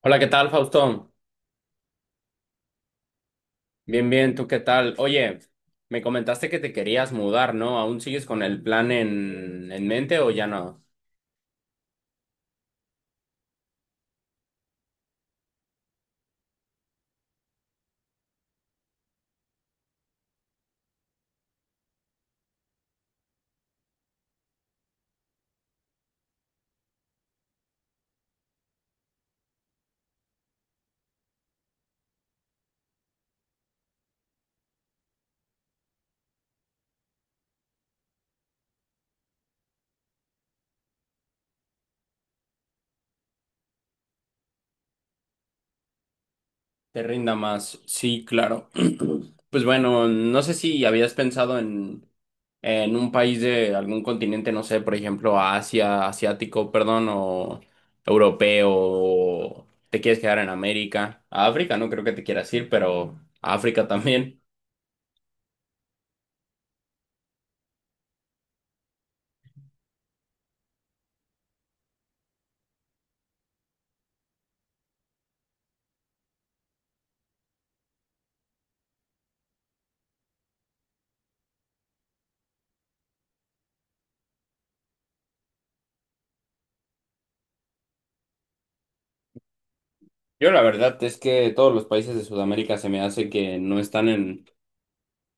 Hola, ¿qué tal, Faustón? Bien, bien, ¿tú qué tal? Oye, me comentaste que te querías mudar, ¿no? ¿Aún sigues con el plan en mente o ya no? Te rinda más. Sí, claro. Pues bueno, no sé si habías pensado en un país de algún continente, no sé, por ejemplo, Asia, asiático, perdón, o europeo, o te quieres quedar en América. A África no creo que te quieras ir, pero a África también. Yo la verdad es que todos los países de Sudamérica se me hace que no están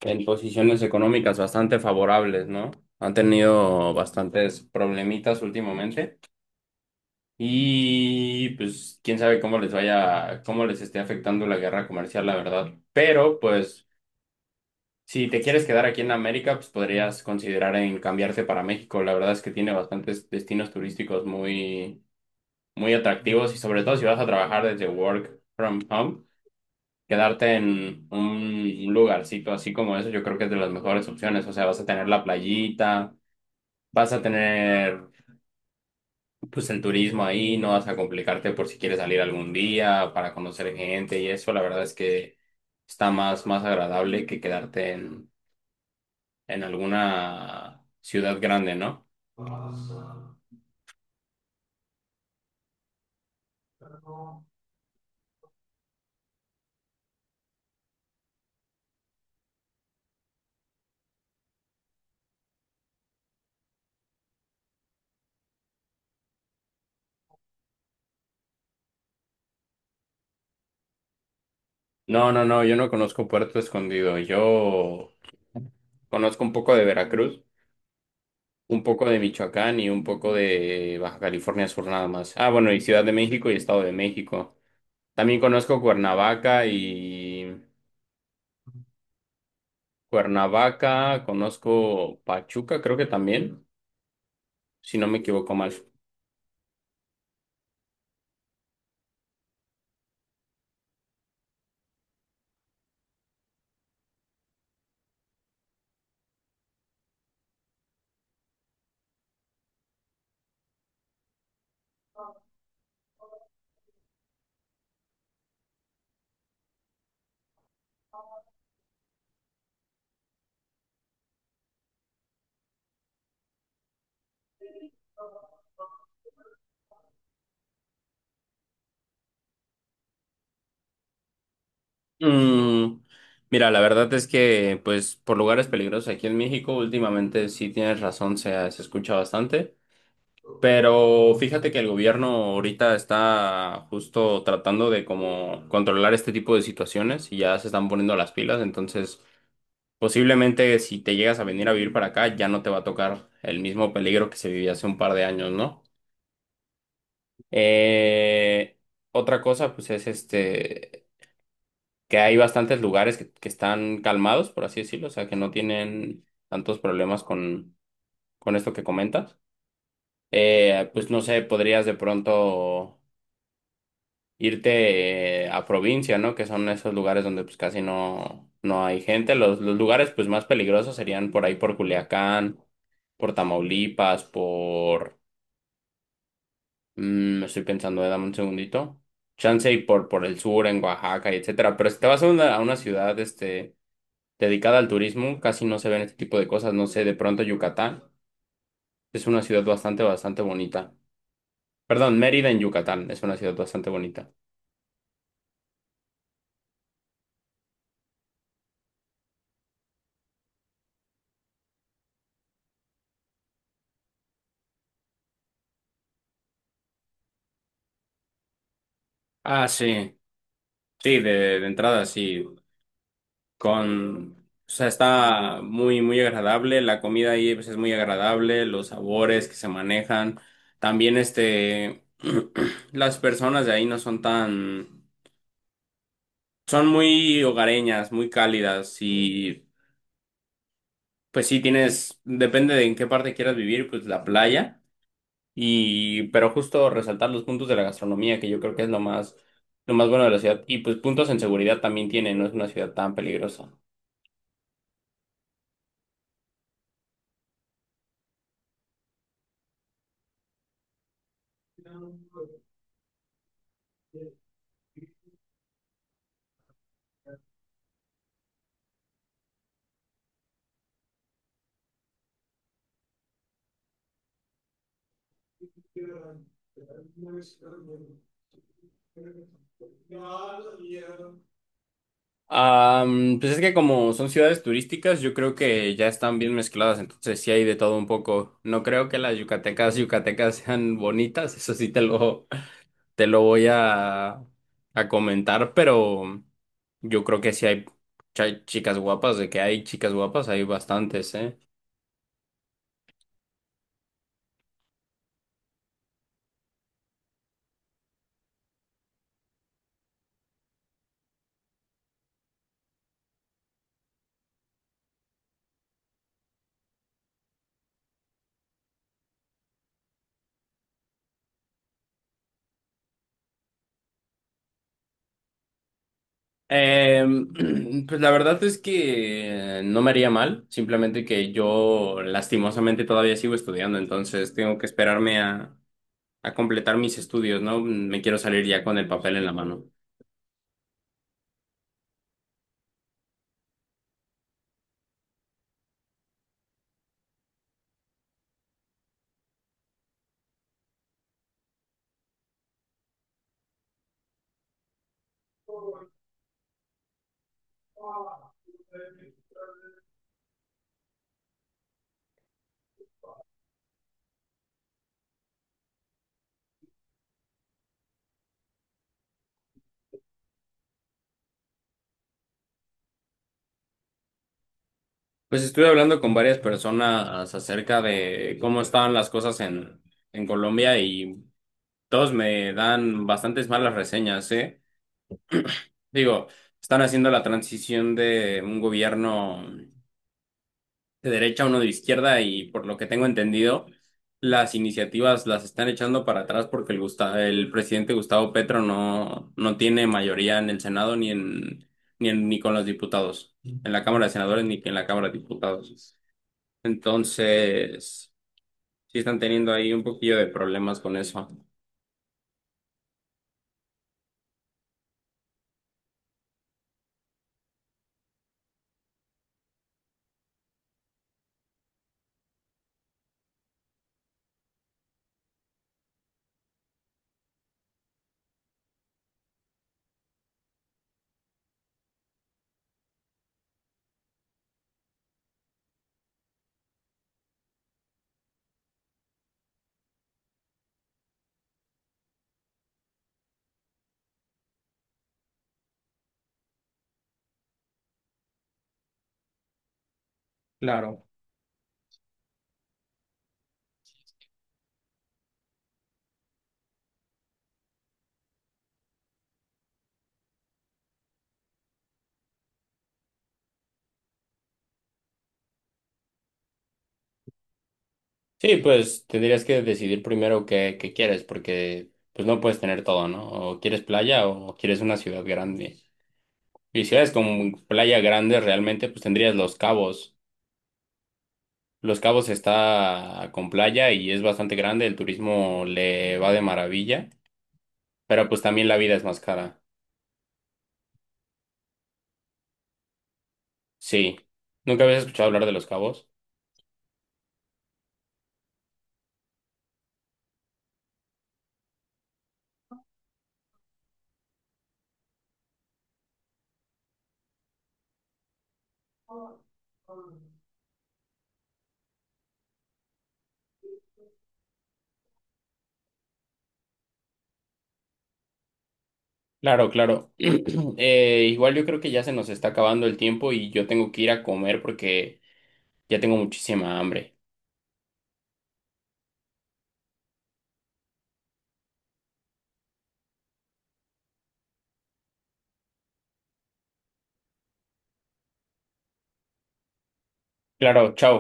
en posiciones económicas bastante favorables, ¿no? Han tenido bastantes problemitas últimamente y pues quién sabe cómo les vaya, cómo les esté afectando la guerra comercial, la verdad. Pero pues si te quieres quedar aquí en América, pues podrías considerar en cambiarte para México. La verdad es que tiene bastantes destinos turísticos muy, muy atractivos y sobre todo si vas a trabajar desde work from home. Quedarte en un lugarcito así como eso, yo creo que es de las mejores opciones. O sea, vas a tener la playita, vas a tener pues el turismo ahí, no vas a complicarte por si quieres salir algún día para conocer gente y eso, la verdad es que está más, más agradable que quedarte en alguna ciudad grande, ¿no? No, no, no, yo no conozco Puerto Escondido, yo conozco un poco de Veracruz. Un poco de Michoacán y un poco de Baja California Sur nada más. Ah, bueno, y Ciudad de México y Estado de México. También conozco Cuernavaca y Cuernavaca, conozco Pachuca, creo que también, si no me equivoco mal. Mm, mira, la verdad es que, pues, por lugares peligrosos aquí en México, últimamente sí tienes razón, se escucha bastante. Pero fíjate que el gobierno ahorita está justo tratando de como controlar este tipo de situaciones y ya se están poniendo las pilas, entonces posiblemente si te llegas a venir a vivir para acá ya no te va a tocar el mismo peligro que se vivía hace un par de años, ¿no? Eh, otra cosa pues es este que hay bastantes lugares que están calmados, por así decirlo, o sea que no tienen tantos problemas con esto que comentas. Pues no sé, podrías de pronto irte a provincia, ¿no? Que son esos lugares donde pues casi no hay gente. Los lugares pues más peligrosos serían por ahí por Culiacán, por Tamaulipas, por... estoy pensando, dame un segundito. Chance y por el sur, en Oaxaca, y etcétera. Pero si te vas a una ciudad este, dedicada al turismo, casi no se ven este tipo de cosas. No sé, de pronto Yucatán es una ciudad bastante, bastante bonita. Perdón, Mérida en Yucatán es una ciudad bastante bonita. Ah, sí, sí, de entrada sí. Con, o sea, está muy, muy agradable. La comida ahí pues, es muy agradable, los sabores que se manejan. También, este, las personas de ahí no son tan, son muy hogareñas, muy cálidas y pues sí tienes, depende de en qué parte quieras vivir, pues la playa. Y, pero justo resaltar los puntos de la gastronomía, que yo creo que es lo más bueno de la ciudad. Y pues puntos en seguridad también tiene, no es una ciudad tan peligrosa. Pues es que como son ciudades turísticas, yo creo que ya están bien mezcladas, entonces sí hay de todo un poco. No creo que las yucatecas yucatecas sean bonitas, eso sí te lo voy a comentar, pero yo creo que sí hay chicas guapas, de que hay chicas guapas, hay bastantes, ¿eh? Pues la verdad es que no me haría mal, simplemente que yo lastimosamente todavía sigo estudiando, entonces tengo que esperarme a completar mis estudios, ¿no? Me quiero salir ya con el papel en la mano. Pues estuve hablando con varias personas acerca de cómo estaban las cosas en Colombia y todos me dan bastantes malas reseñas, ¿eh? Digo, están haciendo la transición de un gobierno de derecha, uno de izquierda y por lo que tengo entendido, las iniciativas las están echando para atrás porque el presidente Gustavo Petro no tiene mayoría en el Senado ni con los diputados, en la Cámara de Senadores ni en la Cámara de Diputados. Entonces, sí están teniendo ahí un poquillo de problemas con eso. Claro. Sí, pues tendrías que decidir primero qué, qué quieres, porque pues no puedes tener todo, ¿no? O quieres playa o quieres una ciudad grande. Y si eres con playa grande, realmente pues tendrías Los Cabos. Los Cabos está con playa y es bastante grande, el turismo le va de maravilla, pero pues también la vida es más cara. Sí. ¿Nunca habías escuchado hablar de Los Cabos? Claro, claro. Igual yo creo que ya se nos está acabando el tiempo y yo tengo que ir a comer porque ya tengo muchísima hambre. Claro, chao.